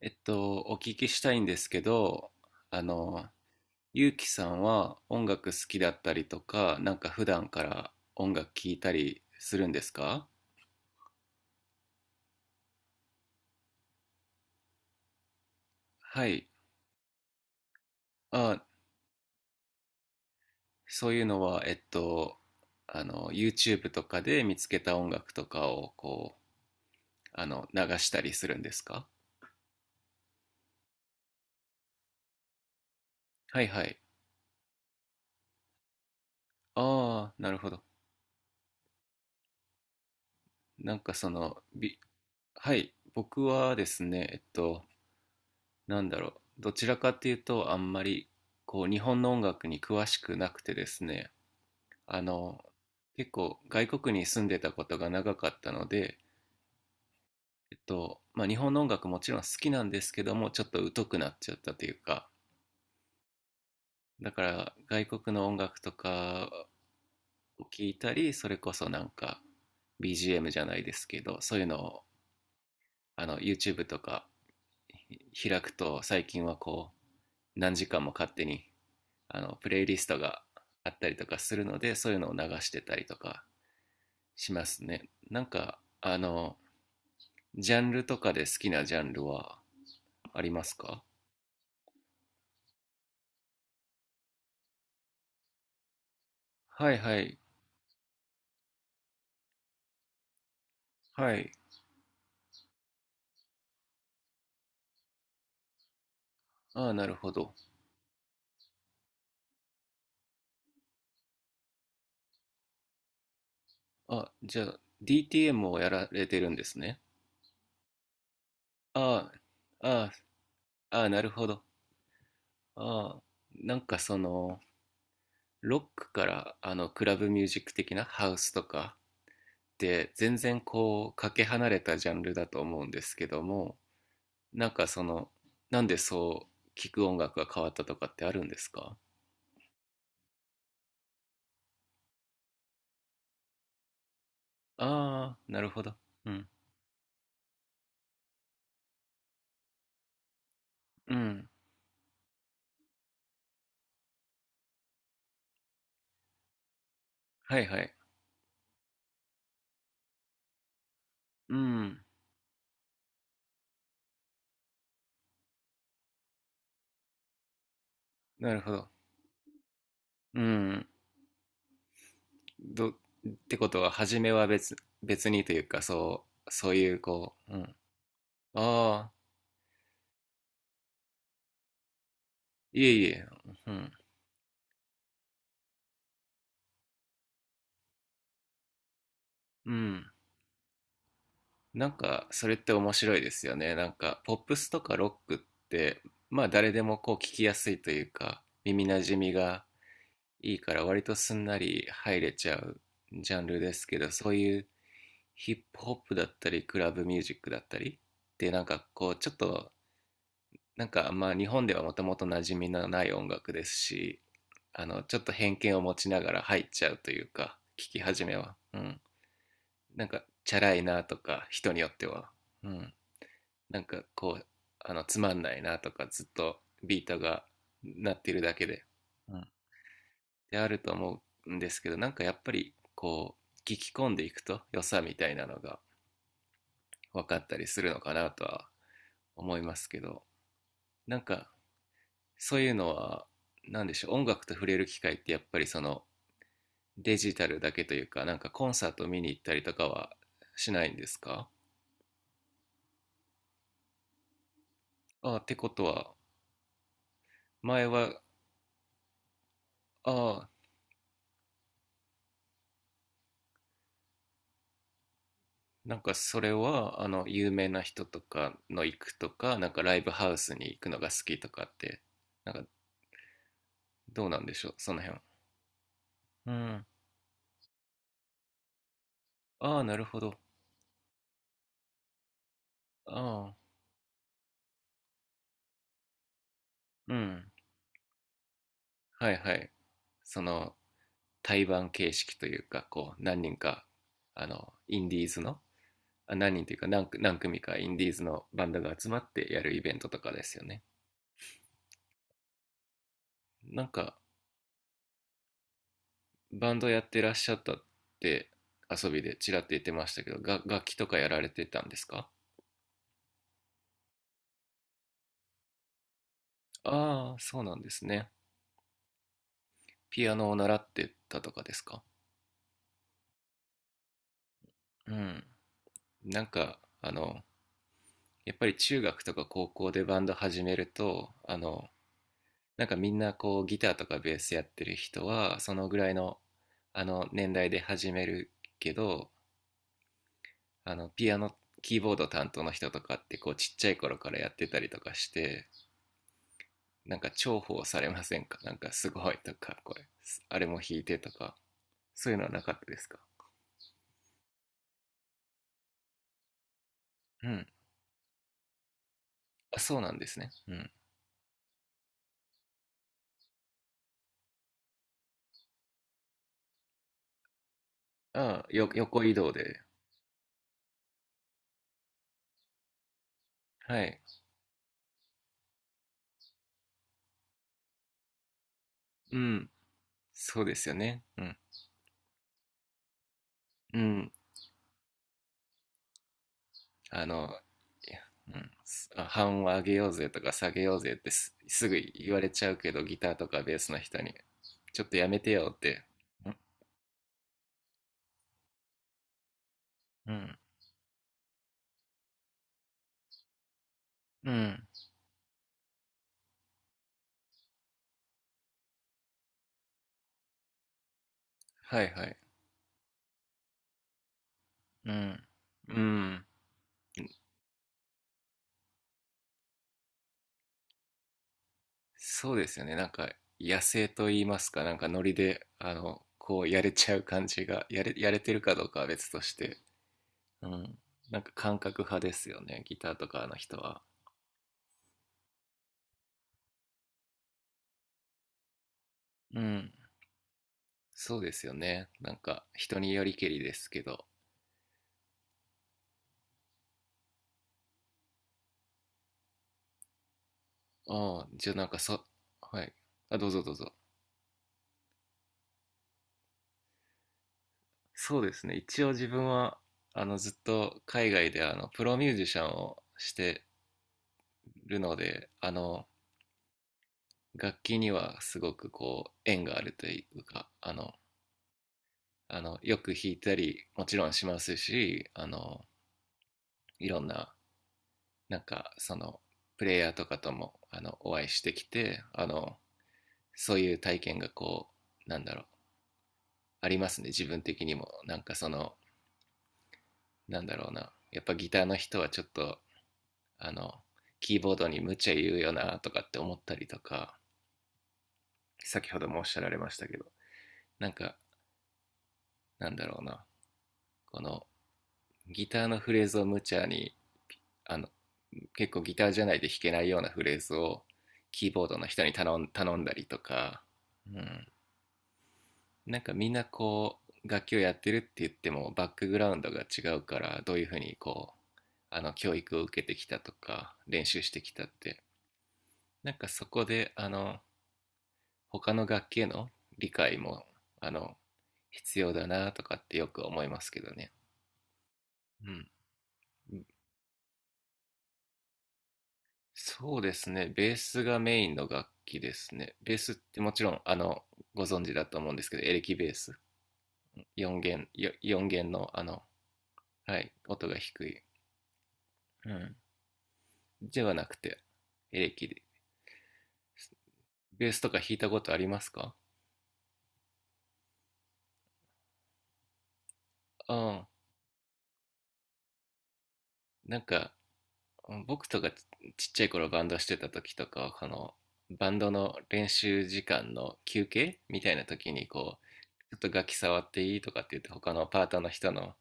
お聞きしたいんですけど、あの、ゆうきさんは音楽好きだったりとか、なんか普段から音楽聴いたりするんですか？はい。あ、そういうのは、YouTube とかで見つけた音楽とかを、こう、流したりするんですか？はいはい。ああ、なるほど。なんかその、はい、僕はですね、なんだろう、どちらかっていうと、あんまり、こう、日本の音楽に詳しくなくてですね、あの、結構、外国に住んでたことが長かったので、まあ、日本の音楽もちろん好きなんですけども、ちょっと疎くなっちゃったというか、だから、外国の音楽とかを聞いたり、それこそなんか、BGM じゃないですけど、そういうのを、YouTube とか開くと、最近はこう、何時間も勝手にプレイリストがあったりとかするので、そういうのを流してたりとかしますね。なんか、ジャンルとかで好きなジャンルはありますか？はいはい。はい。ああ、なるほど。あ、じゃあ、DTM をやられてるんですね。ああ、ああ、ああ、なるほど。ああ、なんかその、ロックから、クラブミュージック的なハウスとかって、全然こう、かけ離れたジャンルだと思うんですけども、なんかその、なんでそう聞く音楽が変わったとかってあるんですか？ああー、なるほど。うん。うん。はいはい。うん。なるほど。うん。ってことは、初めは別にというか、そう、そういうこう、うん。ああ、いえいえ、うん。うん。なんか、それって面白いですよね。なんか、ポップスとかロックって、まあ誰でもこう聞きやすいというか、耳なじみがいいから割とすんなり入れちゃうジャンルですけど、そういうヒップホップだったり、クラブミュージックだったりでなんかこう、ちょっと、なんかまあ日本ではもともと馴染みのない音楽ですし、ちょっと偏見を持ちながら入っちゃうというか、聞き始めは。うん。なんか、チャラいなとか、人によっては。うん。なんかこう、つまんないなとか、ずっとビートが鳴ってるだけで。うん。であると思うんですけど、なんかやっぱりこう聞き込んでいくと良さみたいなのが分かったりするのかなとは思いますけど。なんかそういうのは何でしょう、音楽と触れる機会ってやっぱりそのデジタルだけというか、なんかコンサート見に行ったりとかはしないんですか？ああ、ってことは前は？ああ、なんかそれはあの有名な人とかの行くとかなんかライブハウスに行くのが好きとかって、なんかどうなんでしょうその辺、うん。ああ、なるほど。ああ、うん。はいはい。その、対バン形式というか、こう、何人か、インディーズの、あ、何人というか何組かインディーズのバンドが集まってやるイベントとかですよね。なんか、バンドやってらっしゃったって遊びでちらっと言ってましたけど、楽器とかやられてたんですか？ああ、そうなんですね。ピアノを習ってたとかですか？うん。なんか、やっぱり中学とか高校でバンド始めると、なんかみんなこうギターとかベースやってる人はそのぐらいのあの年代で始めるけど、あのピアノ、キーボード担当の人とかってこうちっちゃい頃からやってたりとかして、なんか重宝されませんか、なんかすごいとかこれあれも弾いてとか、そういうのはなかったですか？うん、あ、そうなんですね、うん。ああ、よ、横移動で、はい、うん、そうですよね、うん、うん、あの、うん、半音上げようぜとか下げようぜってすぐ言われちゃうけど、ギターとかベースの人に、ちょっとやめてよって。うん。うん。はいはい。うん。うん。そうですよね。なんか、野生と言いますか、なんかノリで、こうやれちゃう感じが、やれてるかどうかは別として、うん。なんか感覚派ですよね、ギターとかの人は。うん。そうですよね。なんか、人によりけりですけど。ああ、じゃあなんかはい。あ、どうぞどうぞ。そうですね。一応自分は、ずっと海外で、プロミュージシャンをしてるので、楽器にはすごくこう、縁があるというか、よく弾いたり、もちろんしますし、いろんな、なんか、その、プレイヤーとかとも、お会いしてきて、そういう体験がこう、なんだろう、ありますね。自分的にも。なんかその、なんだろうな、やっぱギターの人はちょっとあのキーボードに無茶言うよなとかって思ったりとか、先ほどもおっしゃられましたけど、なんかなんだろうな、このギターのフレーズを無茶に、あの結構ギターじゃないで弾けないようなフレーズをキーボードの人に頼んだりとか、うん、なんかみんなこう楽器をやってるって言ってもバックグラウンドが違うから、どういうふうにこうあの教育を受けてきたとか練習してきたって、なんかそこで、他の楽器への理解も、あの、必要だなとかってよく思いますけどね。うん。そうですね。ベースがメインの楽器ですね。ベースってもちろん、ご存知だと思うんですけど、エレキベース。4弦、4弦の、はい、音が低い。うん。ではなくて、エレキで。ベースとか弾いたことありますか？うん。なんか、僕とかちっちゃい頃バンドしてた時とか、このバンドの練習時間の休憩みたいな時にこうちょっと楽器触っていいとかって言って、他のパートの人の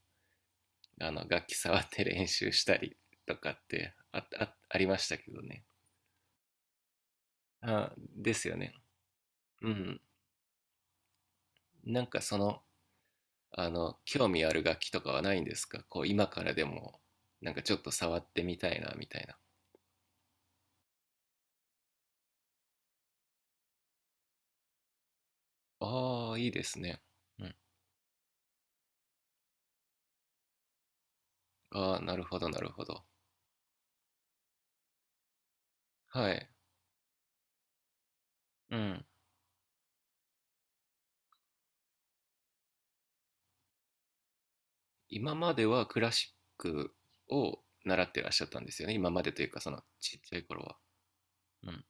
あの楽器触って練習したりとかって、ああ、ありましたけどね。あ、ですよね、うん。なんかその、興味ある楽器とかはないんですか、こう今からでも、なんかちょっと触ってみたいなみたいな。ああ、いいですね、うん。ああ、なるほど、なるほど。はい、うん。今まではクラシックを習ってらっしゃったんですよね。今までというか、そのちっちゃい頃は。うん。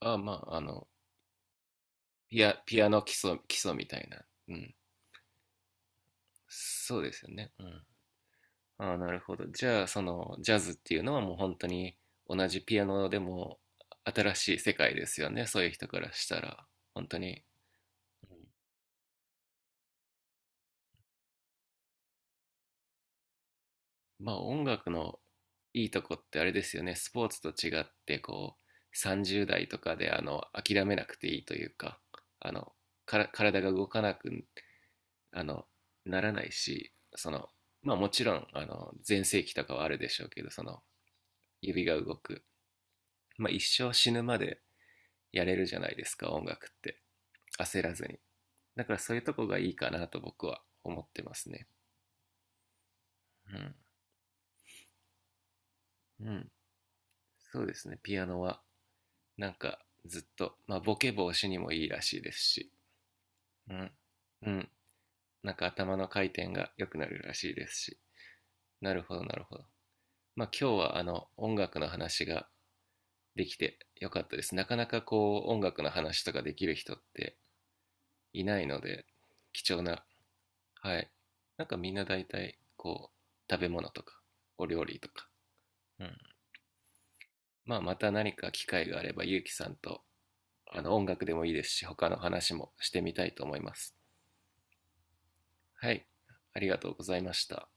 あ、まあ、ピアノ基礎みたいな。うん。そうですよね。うん。ああ、なるほど。じゃあ、その、ジャズっていうのはもう本当に同じピアノでも新しい世界ですよね。そういう人からしたら。本当に。まあ音楽のいいとこってあれですよね。スポーツと違ってこう30代とかで諦めなくていいというか、あのから体が動かなく、あのならないし、そのまあもちろん全盛期とかはあるでしょうけど、その指が動く、まあ一生死ぬまでやれるじゃないですか、音楽って焦らずに。だからそういうとこがいいかなと僕は思ってますね。うん、うん、そうですね。ピアノはなんかずっと、まあ、ボケ防止にもいいらしいですし、うん、うん、なんか頭の回転が良くなるらしいですし、なるほど、なるほど。まあ、今日はあの音楽の話ができてよかったです。なかなかこう音楽の話とかできる人っていないので、貴重な、はい。なんかみんな大体こう食べ物とかお料理とか、うん、まあまた何か機会があればゆうきさんとあの音楽でもいいですし他の話もしてみたいと思います。はい、ありがとうございました。